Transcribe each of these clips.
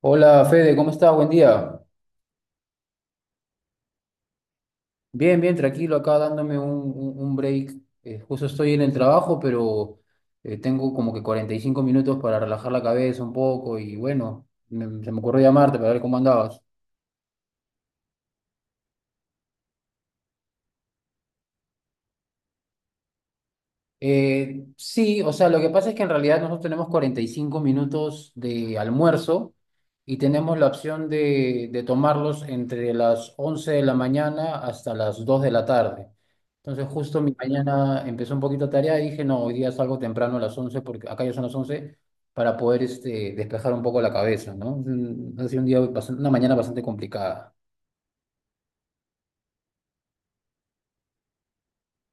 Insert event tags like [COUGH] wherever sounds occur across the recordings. Hola Fede, ¿cómo estás? Buen día. Bien, bien, tranquilo, acá dándome un break. Justo estoy en el trabajo, pero tengo como que 45 minutos para relajar la cabeza un poco y bueno, se me ocurrió llamarte para ver cómo andabas. Sí, o sea, lo que pasa es que en realidad nosotros tenemos 45 minutos de almuerzo y tenemos la opción de tomarlos entre las 11 de la mañana hasta las 2 de la tarde. Entonces, justo mi mañana empezó un poquito tarea y dije, no, hoy día salgo temprano a las 11 porque acá ya son las 11 para poder este, despejar un poco la cabeza, ¿no? Ha sido una mañana bastante complicada.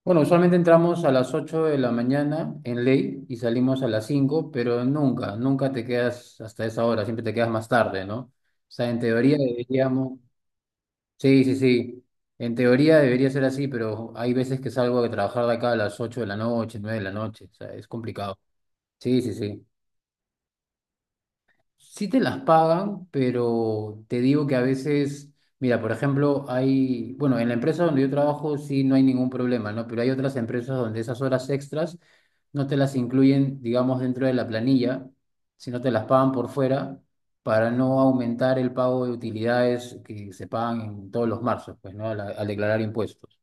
Bueno, usualmente entramos a las 8 de la mañana en ley y salimos a las 5, pero nunca, nunca te quedas hasta esa hora, siempre te quedas más tarde, ¿no? O sea, en teoría deberíamos, sí, sí, sí, en teoría debería ser así, pero hay veces que salgo de trabajar de acá a las 8 de la noche, 9 de la noche, o sea, es complicado. Sí, sí, sí. Sí te las pagan, pero te digo que a veces, mira, por ejemplo, hay, bueno, en la empresa donde yo trabajo sí no hay ningún problema, ¿no? Pero hay otras empresas donde esas horas extras no te las incluyen, digamos, dentro de la planilla, sino te las pagan por fuera para no aumentar el pago de utilidades que se pagan en todos los marzos, pues, ¿no? Al declarar impuestos.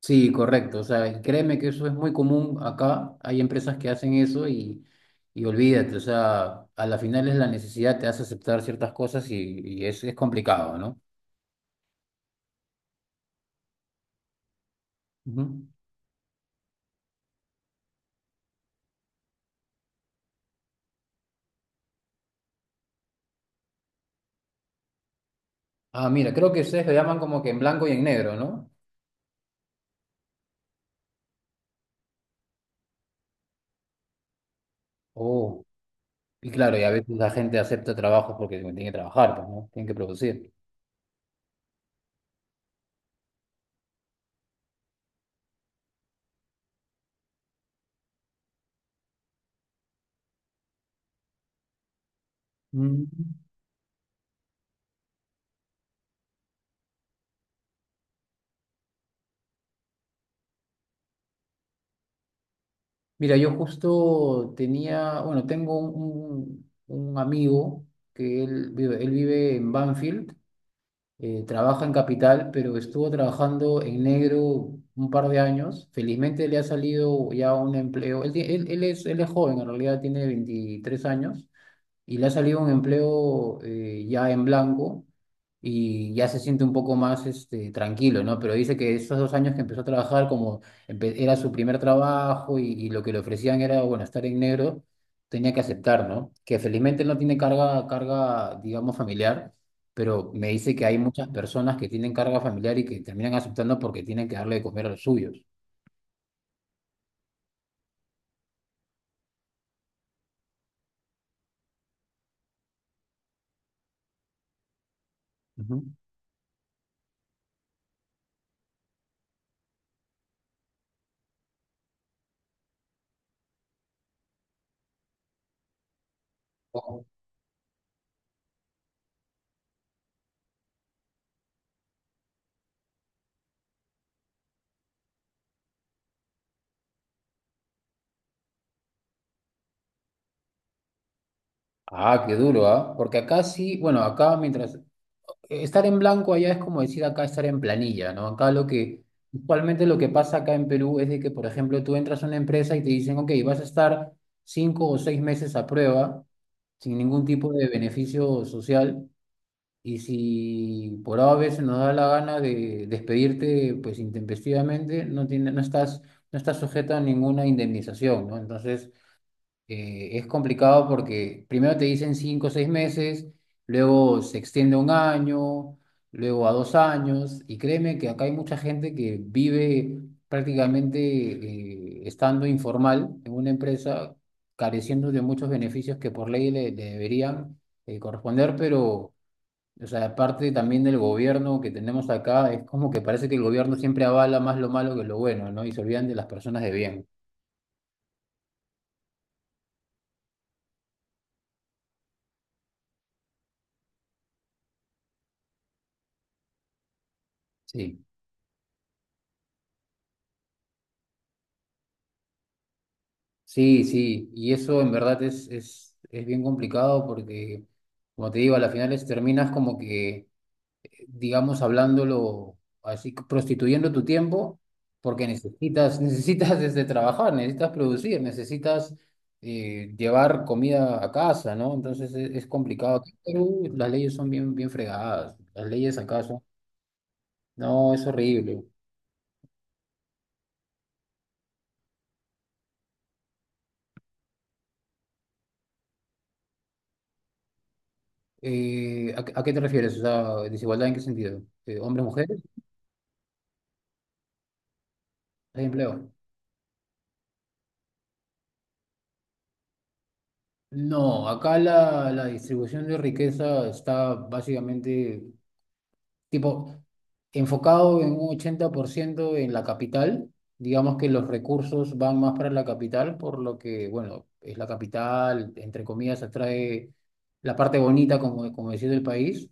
Sí, correcto. O sea, y créeme que eso es muy común acá. Hay empresas que hacen eso y olvídate. O sea, a la final es la necesidad, te hace aceptar ciertas cosas y es complicado, ¿no? Ujú. Ah, mira, creo que ustedes lo llaman como que en blanco y en negro, ¿no? Oh, y claro, y a veces la gente acepta trabajos porque tiene que trabajar, pues, ¿no? Tienen que producir. Mm. Mira, yo justo tenía, bueno, tengo un amigo que él vive en Banfield. Trabaja en Capital, pero estuvo trabajando en negro un par de años. Felizmente le ha salido ya un empleo. Él, ti- él, él es joven, en realidad tiene 23 años y le ha salido un empleo ya en blanco y ya se siente un poco más este, tranquilo, ¿no? Pero dice que esos 2 años que empezó a trabajar, como era su primer trabajo y lo que le ofrecían era, bueno, estar en negro, tenía que aceptar, ¿no? Que felizmente no tiene carga, digamos, familiar, pero me dice que hay muchas personas que tienen carga familiar y que terminan aceptando porque tienen que darle de comer a los suyos. Ujú. Ojo. Ah, qué duro, ¿ah? Porque acá sí, bueno, acá mientras estar en blanco allá es como decir acá estar en planilla, ¿no? Usualmente lo que pasa acá en Perú es de que, por ejemplo, tú entras a una empresa y te dicen, ok, vas a estar 5 o 6 meses a prueba, sin ningún tipo de beneficio social, y si por A veces nos da la gana de despedirte, pues intempestivamente, no tiene, no estás sujeta a ninguna indemnización, ¿no? Entonces, es complicado porque primero te dicen 5 o 6 meses, luego se extiende a un año, luego a 2 años, y créeme que acá hay mucha gente que vive prácticamente estando informal en una empresa, careciendo de muchos beneficios que por ley le deberían corresponder, pero, o sea, parte también del gobierno que tenemos acá, es como que parece que el gobierno siempre avala más lo malo que lo bueno, ¿no? Y se olvidan de las personas de bien. Sí. Sí, sí, y eso en verdad es, es bien complicado porque, como te digo, a las finales terminas como que, digamos, hablándolo así, prostituyendo tu tiempo porque necesitas, [LAUGHS] necesitas desde trabajar, necesitas producir, necesitas llevar comida a casa, ¿no? Entonces es complicado. Aquí en Perú las leyes son bien, bien fregadas, las leyes acaso, no, es horrible. ¿A qué te refieres? O sea, ¿desigualdad en qué sentido? ¿Hombres, mujeres? ¿Hay empleo? No, acá la distribución de riqueza está básicamente tipo enfocado en un 80% en la capital. Digamos que los recursos van más para la capital, por lo que, bueno, es la capital, entre comillas, atrae la parte bonita, como, como decía, del país.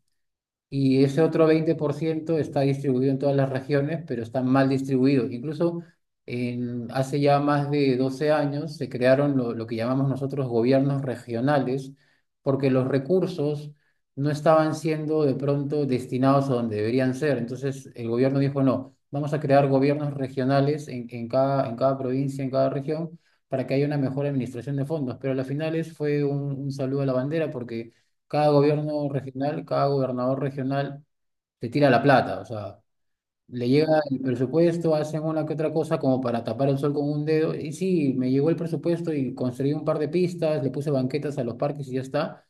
Y ese otro 20% está distribuido en todas las regiones, pero está mal distribuido. Incluso en, hace ya más de 12 años se crearon lo que llamamos nosotros gobiernos regionales, porque los recursos no estaban siendo de pronto destinados a donde deberían ser. Entonces el gobierno dijo, no, vamos a crear gobiernos regionales en cada provincia, en cada región, para que haya una mejor administración de fondos. Pero a las finales fue un saludo a la bandera porque cada gobierno regional, cada gobernador regional te tira la plata, o sea, le llega el presupuesto, hacen una que otra cosa como para tapar el sol con un dedo, y sí, me llegó el presupuesto y construí un par de pistas, le puse banquetas a los parques y ya está,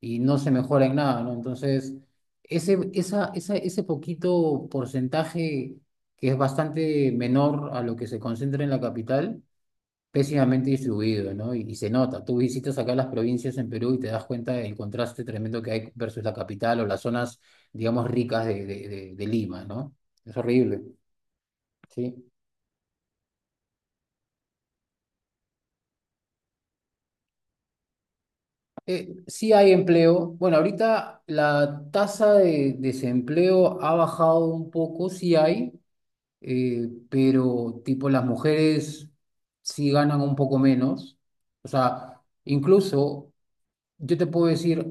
y no se mejora en nada, ¿no? Entonces, ese poquito porcentaje que es bastante menor a lo que se concentra en la capital, pésimamente distribuido, ¿no? Y se nota. Tú visitas acá las provincias en Perú y te das cuenta del contraste tremendo que hay versus la capital o las zonas, digamos, ricas de Lima, ¿no? Es horrible, ¿sí? Sí hay empleo. Bueno, ahorita la tasa de desempleo ha bajado un poco, sí hay, pero tipo las mujeres sí ganan un poco menos. O sea, incluso yo te puedo decir,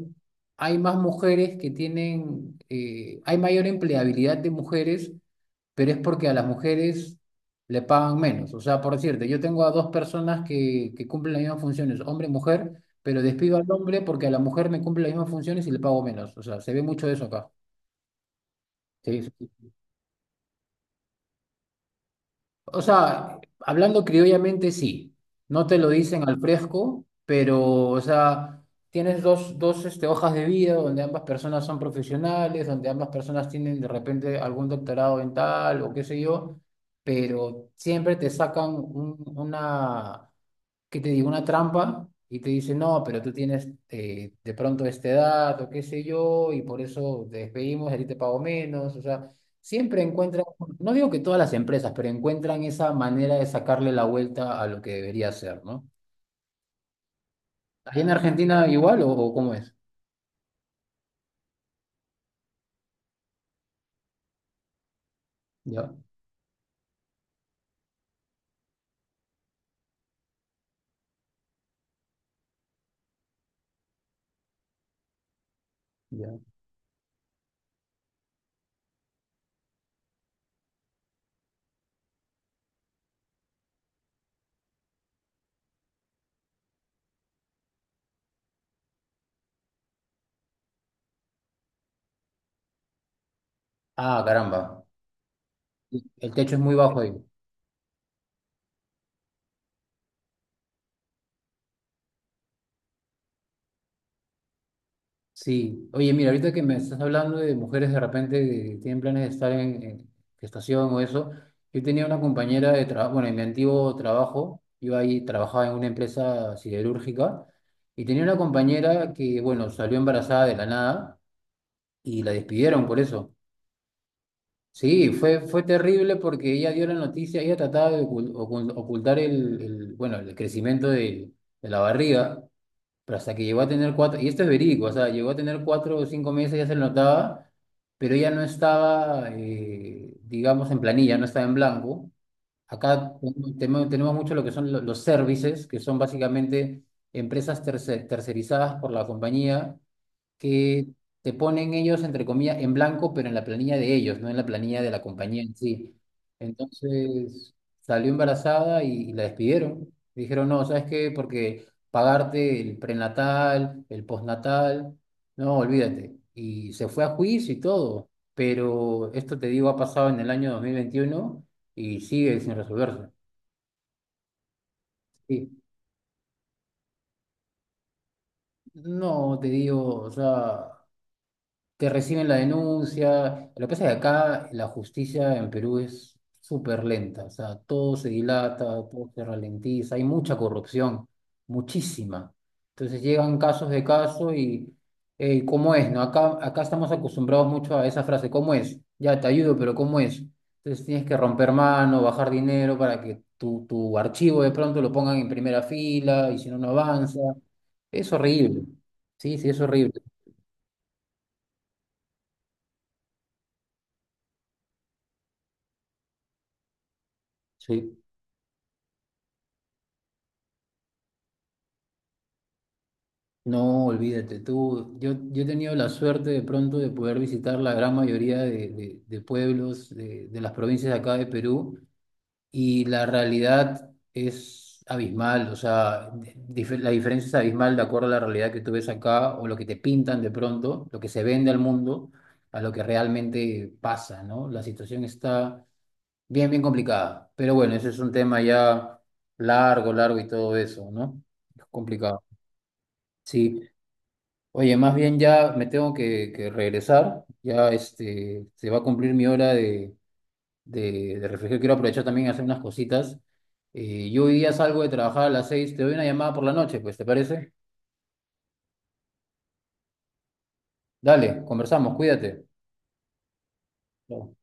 hay más mujeres que tienen, hay mayor empleabilidad de mujeres, pero es porque a las mujeres le pagan menos. O sea, por decirte, yo tengo a dos personas que cumplen las mismas funciones, hombre y mujer, pero despido al hombre porque a la mujer me cumple las mismas funciones y le pago menos. O sea, se ve mucho de eso acá. Sí, sí. Sí. O sea, hablando criollamente, sí. No te lo dicen al fresco, pero, o sea, tienes dos hojas de vida donde ambas personas son profesionales, donde ambas personas tienen de repente algún doctorado en tal o qué sé yo, pero siempre te sacan que te diga una trampa y te dice, no, pero tú tienes de pronto esta edad o qué sé yo, y por eso te despedimos, a ti te pago menos. O sea, siempre encuentran, no digo que todas las empresas, pero encuentran esa manera de sacarle la vuelta a lo que debería ser, ¿no? ¿Allá en Argentina igual o cómo es? Ya, ya. Ah, caramba. El techo es muy bajo ahí. Sí, oye, mira, ahorita que me estás hablando de mujeres de repente que tienen planes de estar en gestación o eso, yo tenía una compañera de trabajo, bueno, en mi antiguo trabajo, yo ahí trabajaba en una empresa siderúrgica y tenía una compañera que, bueno, salió embarazada de la nada y la despidieron por eso. Sí, fue, fue terrible porque ella dio la noticia, ella trataba de ocultar bueno, el crecimiento de la barriga. Pero hasta que llegó a tener 4, y esto es verídico, o sea, llegó a tener 4 o 5 meses, ya se lo notaba, pero ya no estaba, digamos, en planilla, no estaba en blanco. Acá tenemos mucho lo que son los services, que son básicamente empresas tercerizadas por la compañía que te ponen ellos, entre comillas, en blanco, pero en la planilla de ellos, no en la planilla de la compañía en sí. Entonces salió embarazada y la despidieron. Dijeron, no, ¿sabes qué? Porque pagarte el prenatal, el postnatal, no, olvídate. Y se fue a juicio y todo. Pero esto te digo, ha pasado en el año 2021 y sigue sin resolverse. Sí. No, te digo, o sea, que reciben la denuncia. Lo que pasa es que acá la justicia en Perú es súper lenta, o sea, todo se dilata, todo se ralentiza, hay mucha corrupción, muchísima. Entonces llegan casos de caso y "Ey, ¿cómo es? ¿No? Acá, acá estamos acostumbrados mucho a esa frase, ¿cómo es? Ya te ayudo, pero ¿cómo es? Entonces tienes que romper mano, bajar dinero para que tu archivo de pronto lo pongan en primera fila y si no, no avanza. Es horrible. Sí, sí, es horrible. Sí. No, olvídate, tú, yo he tenido la suerte de pronto de poder visitar la gran mayoría de, de pueblos de las provincias de acá de Perú y la realidad es abismal, o sea, dif- la diferencia es abismal de acuerdo a la realidad que tú ves acá o lo que te pintan de pronto, lo que se vende al mundo, a lo que realmente pasa, ¿no? La situación está bien, bien complicada, pero bueno, ese es un tema ya largo, largo y todo eso, ¿no? Es complicado. Sí. Oye, más bien ya me tengo que regresar. Ya este, se va a cumplir mi hora de reflexión. Quiero aprovechar también y hacer unas cositas. Yo hoy día salgo de trabajar a las 6. Te doy una llamada por la noche, pues, ¿te parece? Dale, conversamos, cuídate. Chao.